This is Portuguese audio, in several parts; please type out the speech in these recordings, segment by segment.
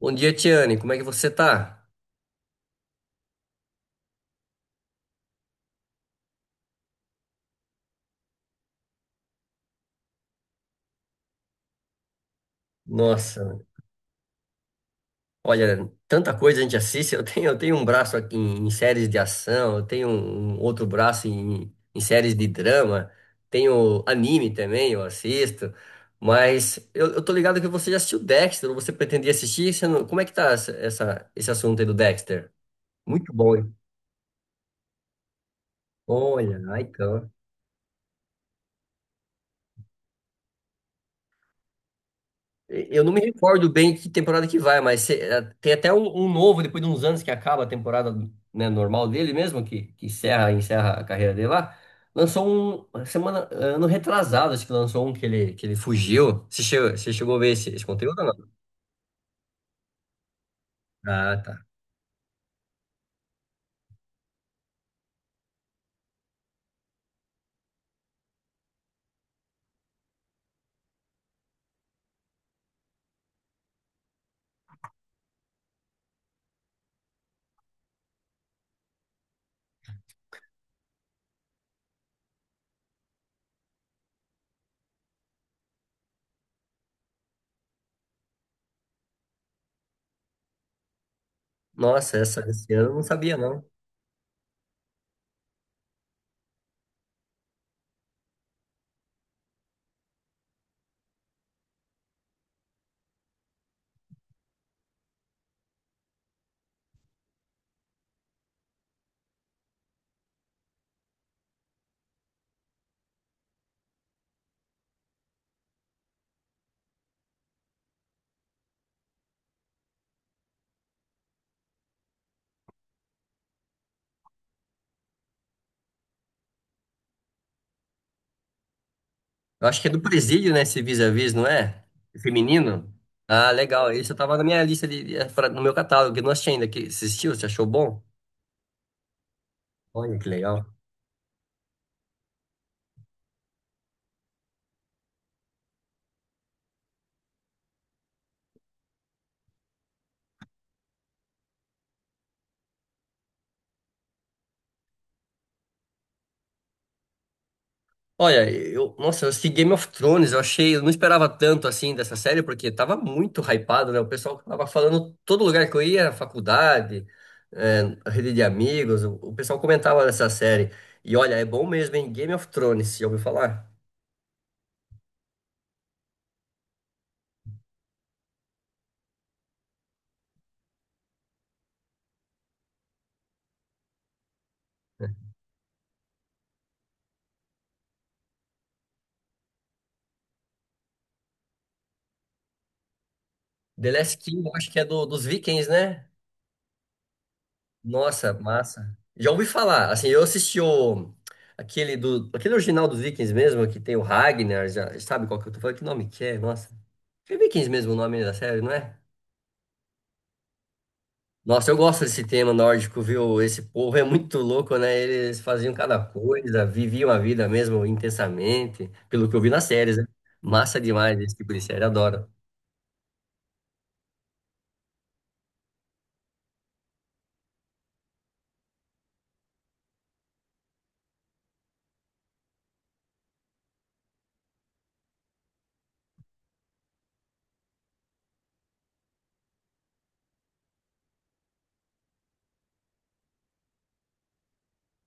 Bom dia, Tiane. Como é que você tá? Nossa, olha, tanta coisa a gente assiste. Eu tenho um braço aqui em séries de ação, eu tenho um outro braço em séries de drama, tenho anime também, eu assisto. Mas eu tô ligado que você já assistiu Dexter, ou você pretendia assistir? Você não- Como é que tá esse assunto aí do Dexter? Muito bom, hein? Olha, ai, então. Eu não me recordo bem que temporada que vai, mas tem até um, um novo, depois de uns anos que acaba a temporada, né, normal dele mesmo, que encerra, encerra a carreira dele lá. Lançou um, semana, ano retrasado, acho que lançou um que ele fugiu. Você chegou a ver esse, esse conteúdo ou não? Ah, tá. Nossa, essa, esse ano eu não sabia, não. Eu acho que é do Presídio, né, esse Vis-a-Vis, não é? Feminino? Ah, legal. Esse eu tava na minha lista, no meu catálogo, que eu não assisti ainda. Que, você assistiu? Você achou bom? Olha que legal. Olha, eu, nossa, eu assisti Game of Thrones, eu achei, eu não esperava tanto assim dessa série, porque tava muito hypado, né? O pessoal tava falando todo lugar que eu ia, faculdade, é, rede de amigos, o pessoal comentava dessa série. E olha, é bom mesmo, hein? Game of Thrones, já ouviu falar? The Last King, eu acho que é dos Vikings, né? Nossa, massa. Já ouvi falar, assim, eu assisti aquele original dos Vikings mesmo, que tem o Ragnar, já, sabe qual que eu tô falando? Que nome que é? Nossa. É Vikings mesmo o nome da série, não é? Nossa, eu gosto desse tema nórdico, viu? Esse povo é muito louco, né? Eles faziam cada coisa, viviam a vida mesmo intensamente, pelo que eu vi nas séries, né? Massa demais esse tipo de série, adoro.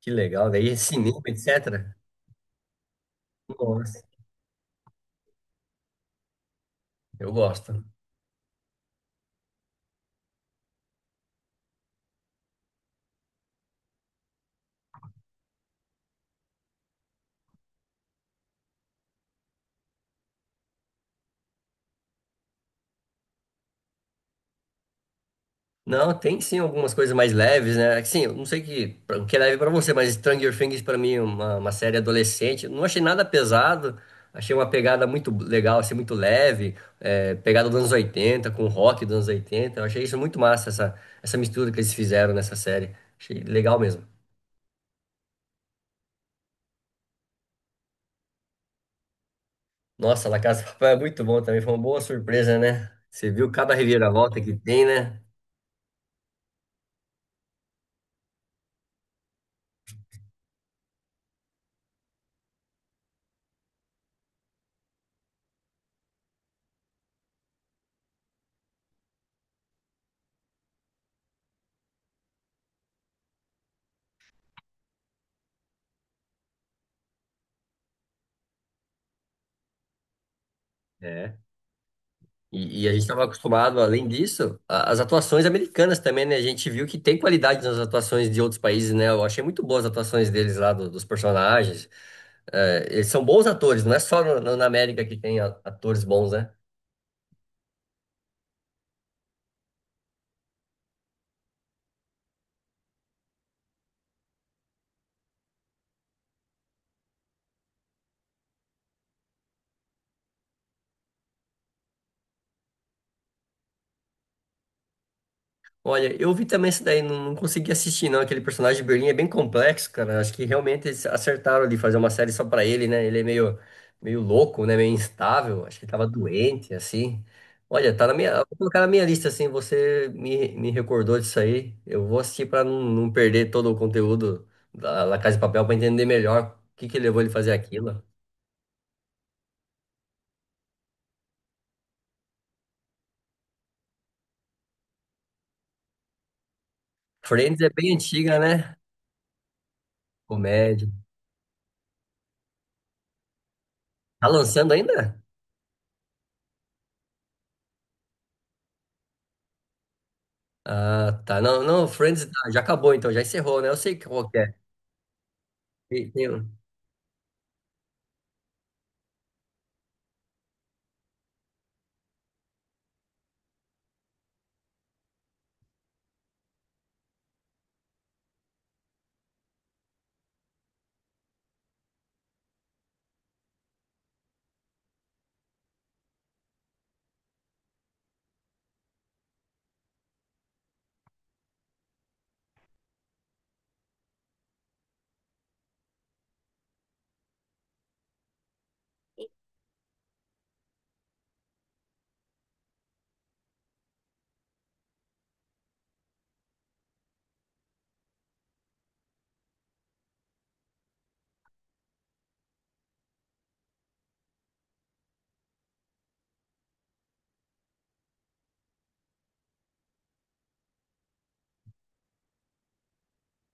Que legal, daí cinema, etc. Nossa, eu gosto. Não, tem sim algumas coisas mais leves, né? Assim, eu não sei que, o que é leve pra você, mas Stranger Things pra mim é uma série adolescente. Não achei nada pesado, achei uma pegada muito legal, assim, muito leve, é, pegada dos anos 80 com rock dos anos 80. Eu achei isso muito massa, essa mistura que eles fizeram nessa série. Achei legal mesmo. Nossa, La Casa de Papel é muito bom também, foi uma boa surpresa, né? Você viu cada reviravolta que tem, né? É. E a gente estava acostumado, além disso, as atuações americanas também, né? A gente viu que tem qualidade nas atuações de outros países, né? Eu achei muito boas as atuações deles lá, dos personagens. É, eles são bons atores, não é só na América que tem atores bons, né? Olha, eu vi também esse daí, não, não consegui assistir não, aquele personagem de Berlim é bem complexo, cara, acho que realmente eles acertaram ali fazer uma série só pra ele, né, ele é meio, meio louco, né, meio instável, acho que ele tava doente, assim, olha, tá na minha, vou colocar na minha lista, assim, você me recordou disso aí, eu vou assistir pra não, não perder todo o conteúdo da La Casa de Papel pra entender melhor o que que levou ele a fazer aquilo. Friends é bem antiga, né, comédia, tá lançando ainda? Ah, tá. Não, não, Friends ah, já acabou então, já encerrou, né? Eu sei qual que é. Tem um-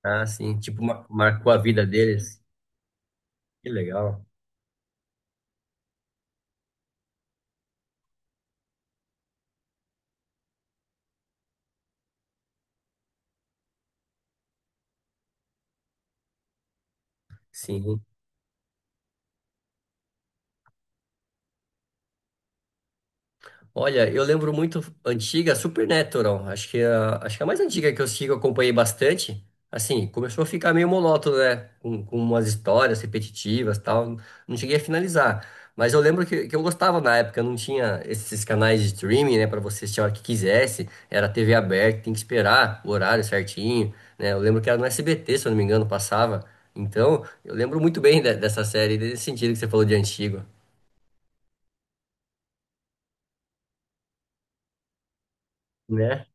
Ah, sim, tipo, marcou a vida deles. Que legal. Sim. Olha, eu lembro muito antiga, Supernatural. Acho que é a, acho que é a mais antiga que eu sigo, eu acompanhei bastante. Assim, começou a ficar meio monótono, né? Com umas histórias repetitivas e tal. Não cheguei a finalizar. Mas eu lembro que eu gostava na época, não tinha esses canais de streaming, né? Pra você assistir a hora que quisesse. Era TV aberta, tem que esperar o horário certinho, né? Eu lembro que era no SBT, se eu não me engano, passava. Então, eu lembro muito bem dessa série, desse sentido que você falou de antigo, né?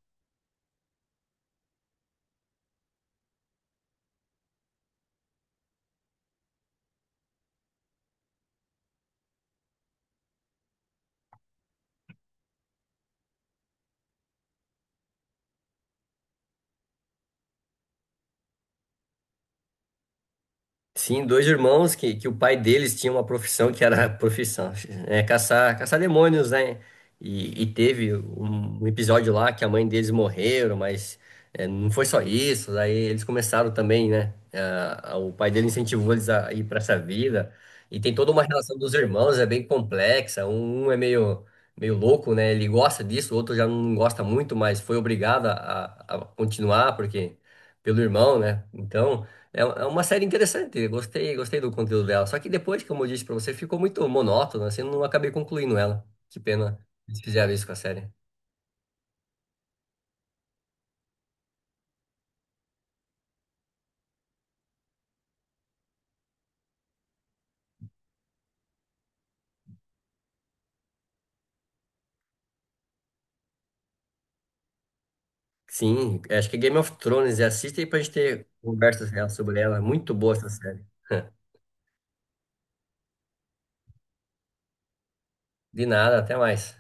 Sim, dois irmãos que o pai deles tinha uma profissão que era profissão, é, caçar, caçar demônios, né? E teve um, um episódio lá que a mãe deles morreram, mas é, não foi só isso. Daí eles começaram também, né? Ah, o pai dele incentivou eles a ir para essa vida. E tem toda uma relação dos irmãos, é bem complexa. Um é meio, meio louco, né? Ele gosta disso, o outro já não gosta muito, mas foi obrigado a, a continuar, porque pelo irmão, né? Então. É é uma série interessante, gostei, gostei do conteúdo dela. Só que depois, como eu disse pra você, ficou muito monótono, assim, não acabei concluindo ela. Que pena eles fizeram isso com a série. Sim, acho que é Game of Thrones, assista aí pra gente ter conversas reais sobre ela. Muito boa essa série. De nada, até mais.